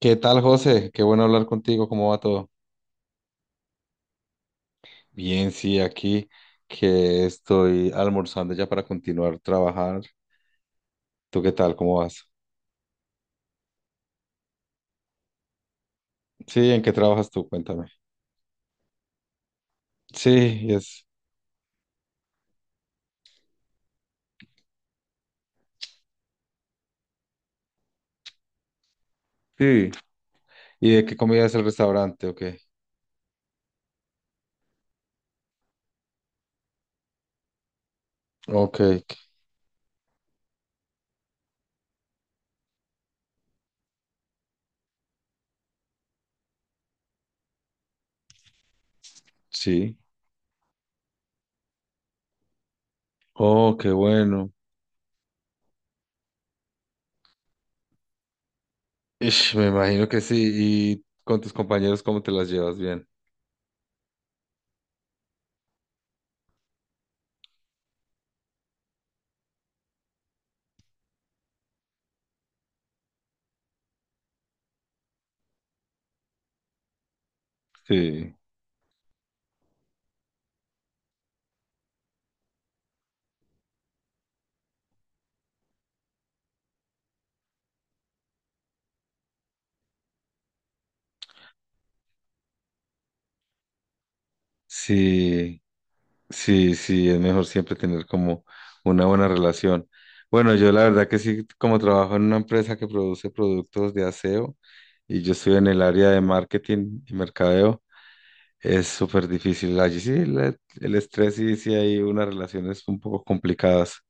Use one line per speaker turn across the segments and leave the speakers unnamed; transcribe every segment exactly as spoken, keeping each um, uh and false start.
¿Qué tal, José? Qué bueno hablar contigo. ¿Cómo va todo? Bien, sí, aquí que estoy almorzando ya para continuar trabajar. ¿Tú qué tal? ¿Cómo vas? Sí, ¿en qué trabajas tú? Cuéntame. Sí, es. Sí. ¿Y de qué comida es el restaurante? Ok. Ok, qu- sí. Oh, qué bueno. Ish, me imagino que sí. ¿Y con tus compañeros cómo te las llevas bien? Sí. Sí. Sí, sí, es mejor siempre tener como una buena relación. Bueno, yo la verdad que sí, como trabajo en una empresa que produce productos de aseo y yo estoy en el área de marketing y mercadeo, es súper difícil. Allí sí, la- el estrés y sí sí hay unas relaciones un poco complicadas.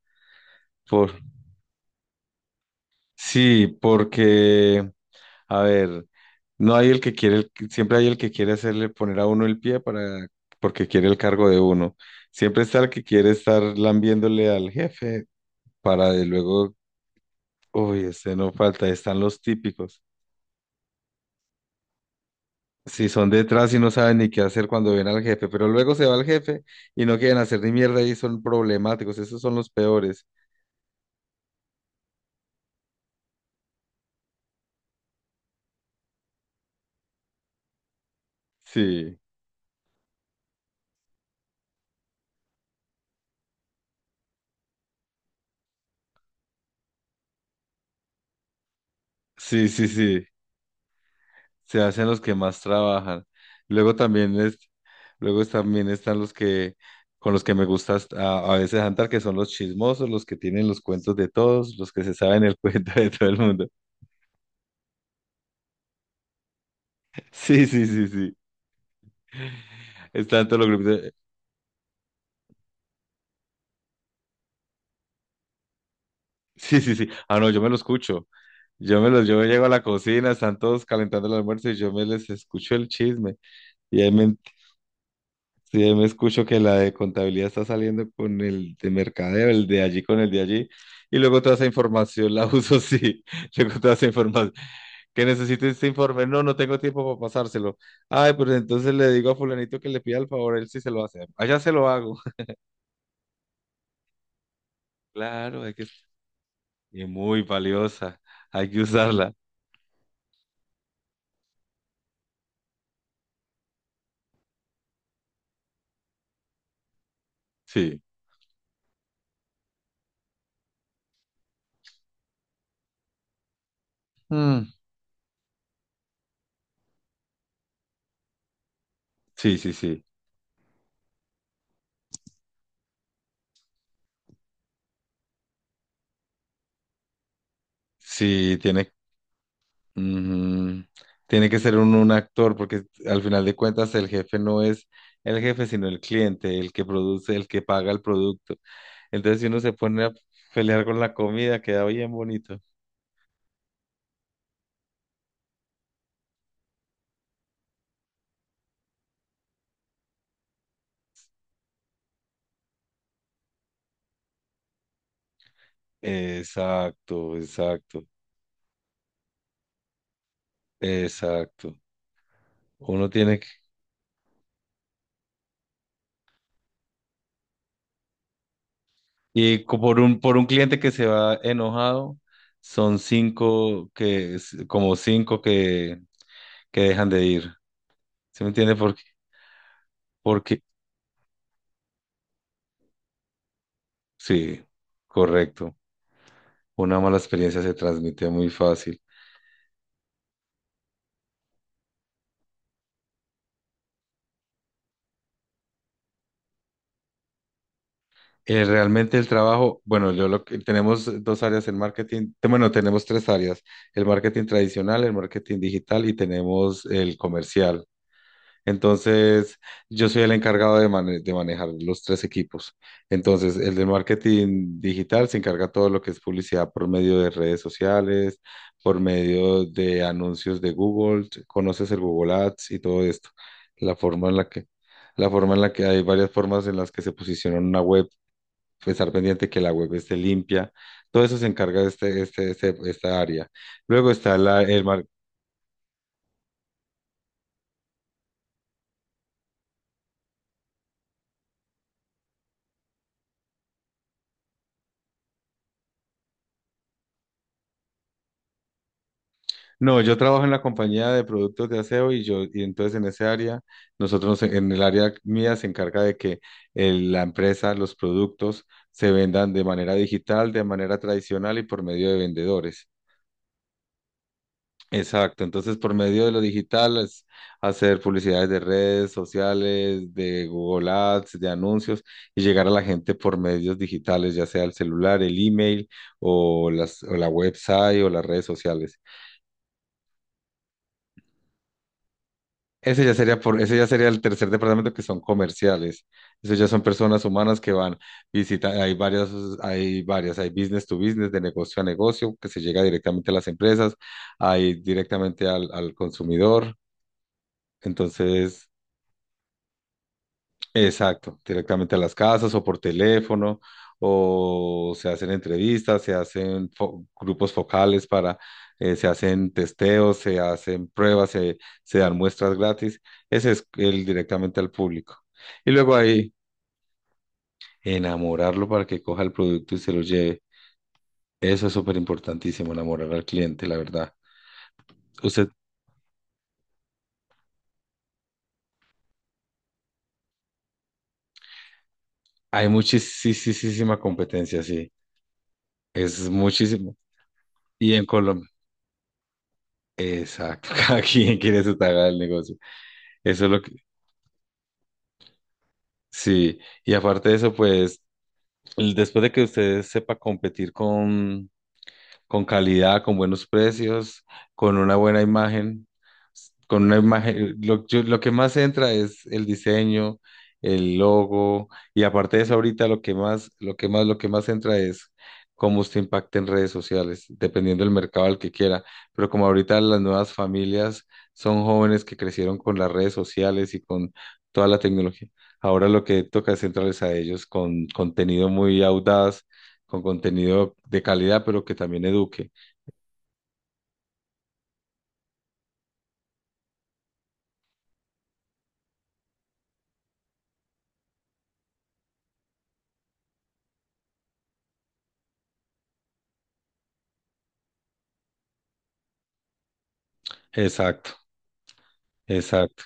Por, sí, porque, a ver, no hay el que quiere, el- siempre hay el que quiere hacerle poner a uno el pie para, porque quiere el cargo de uno. Siempre está el que quiere estar lambiéndole al jefe para de luego, uy, este no falta, están los típicos. Si son detrás y no saben ni qué hacer cuando ven al jefe, pero luego se va el jefe y no quieren hacer ni mierda y son problemáticos, esos son los peores. Sí, sí, sí, sí, se hacen los que más trabajan. Luego también es, Luego también están los que, con los que me gusta hasta- a, a veces andar, que son los chismosos, los que tienen los cuentos de todos, los que se saben el cuento de todo el mundo. Sí, sí, sí, sí. Es tanto los grupos. Sí, sí, sí. Ah, no, yo me lo escucho. Yo me los, yo llego a la cocina, están todos calentando el almuerzo y yo me les escucho el chisme. Y ahí me, sí, ahí me escucho que la de contabilidad está saliendo con el de mercadeo, el de allí con el de allí. Y luego toda esa información la uso, sí. Luego toda esa información. ¿Que necesito este informe? No, no tengo tiempo para pasárselo. Ay, pues entonces le digo a fulanito que le pida el favor, él sí se lo hace. Allá se lo hago. Claro, hay que... Y muy valiosa. Hay que usarla. Sí. Mm. Sí, sí, sí. Sí, tiene, mm, Tiene que ser un, un actor, porque al final de cuentas el jefe no es el jefe, sino el cliente, el que produce, el que paga el producto. Entonces, si uno se pone a pelear con la comida, queda bien bonito. Exacto, exacto, exacto. Uno tiene que... Y co- por un, por un cliente que se va enojado, son cinco que, como cinco que, que dejan de ir. ¿Se me entiende? Porque, porque sí, correcto. Una mala experiencia se transmite muy fácil. Eh, realmente el trabajo, bueno, yo lo que tenemos dos áreas en marketing, te- bueno, tenemos tres áreas, el marketing tradicional, el marketing digital y tenemos el comercial. Entonces, yo soy el encargado de, mane- de manejar los tres equipos. Entonces, el de marketing digital se encarga todo lo que es publicidad por medio de redes sociales, por medio de anuncios de Google. Conoces el Google Ads y todo esto. La forma en la que, la forma en la que hay varias formas en las que se posiciona una web, pues, estar pendiente que la web esté limpia. Todo eso se encarga de este, este, este- esta área. Luego está la, el marketing. No, yo trabajo en la compañía de productos de aseo y yo, y entonces en ese área, nosotros en en el área mía se encarga de que el- la empresa, los productos se vendan de manera digital, de manera tradicional y por medio de vendedores. Exacto, entonces por medio de lo digital es hacer publicidades de redes sociales, de Google Ads, de anuncios y llegar a la gente por medios digitales, ya sea el celular, el email o las, o la website o las redes sociales. Ese ya sería por, ese ya sería el tercer departamento que son comerciales. Esos ya son personas humanas que van, visitan, hay varias, hay varias, hay business to business, de negocio a negocio, que se llega directamente a las empresas, hay directamente al, al consumidor. Entonces, exacto, directamente a las casas o por teléfono, o se hacen entrevistas, se hacen fo- grupos focales para, eh, se hacen testeos, se hacen pruebas, se, se dan muestras gratis. Ese es el directamente al público. Y luego ahí, enamorarlo para que coja el producto y se lo lleve. Eso es súper importantísimo, enamorar al cliente, la verdad. Usted, hay muchísima competencia, sí, es muchísimo. Y en Colombia. Exacto, cada quien quiere su taga del negocio. Eso es lo que, sí, y aparte de eso, pues, l- después de que usted sepa competir con, con calidad, con buenos precios, con una buena imagen, s- con una imagen, lo, yo- lo que más entra es el diseño, el logo, y aparte de eso ahorita lo que más, lo que más, lo que más entra es cómo usted impacta en redes sociales, dependiendo del mercado al que quiera. Pero como ahorita las nuevas familias son jóvenes que crecieron con las redes sociales y con toda la tecnología, ahora lo que toca es centrarles a ellos con contenido muy audaz con contenido de calidad, pero que también eduque. Exacto, exacto.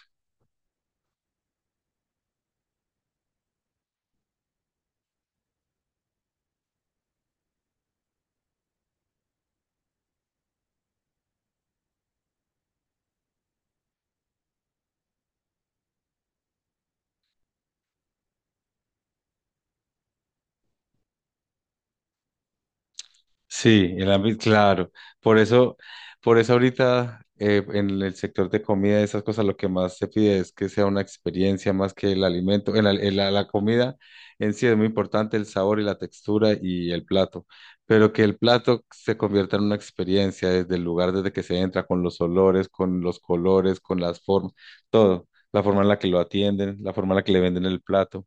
Sí, el ámbito, claro. Por eso, por eso ahorita eh, en el sector de comida y esas cosas, lo que más se pide es que sea una experiencia más que el alimento. El al- el- la, la comida en sí es muy importante, el sabor y la textura y el plato, pero que el plato se convierta en una experiencia desde el lugar desde que se entra, con los olores, con los colores, con las formas, todo. La forma en la que lo atienden, la forma en la que le venden el plato.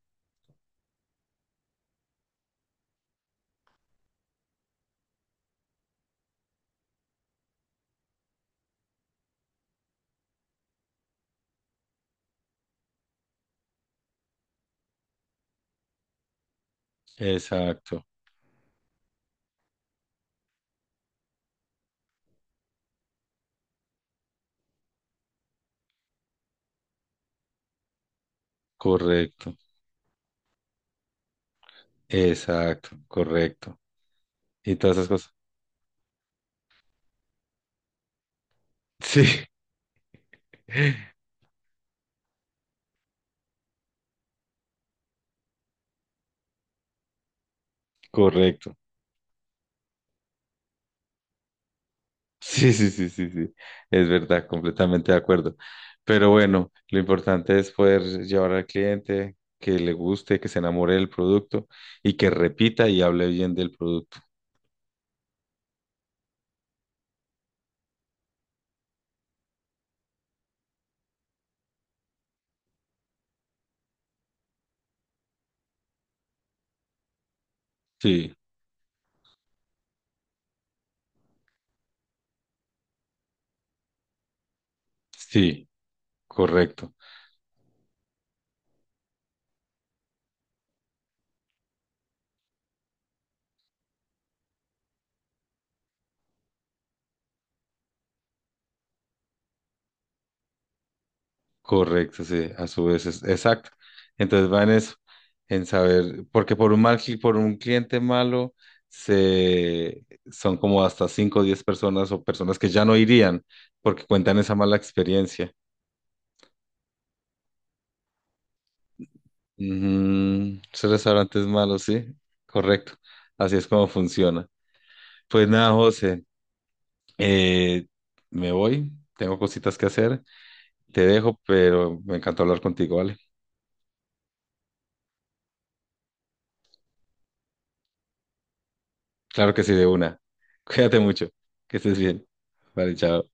Exacto, correcto, exacto, correcto. Y todas esas cosas. Sí, correcto. Sí, sí, sí, sí, sí. Es verdad, completamente de acuerdo. Pero bueno, lo importante es poder llevar al cliente que le guste, que se enamore del producto y que repita y hable bien del producto. Sí, sí, correcto. Correcto, sí, a su vez es exacto. Entonces va en eso, en saber, porque por un mal, cli- por un cliente malo, se, son como hasta cinco o diez personas o personas que ya no irían porque cuentan esa mala experiencia. Ujú, esos restaurantes malos, sí, correcto. Así es como funciona. Pues nada, José, eh, me voy, tengo cositas que hacer, te dejo, pero me encantó hablar contigo, ¿vale? Claro que sí, de una. Cuídate mucho. Que estés bien. Vale, chao.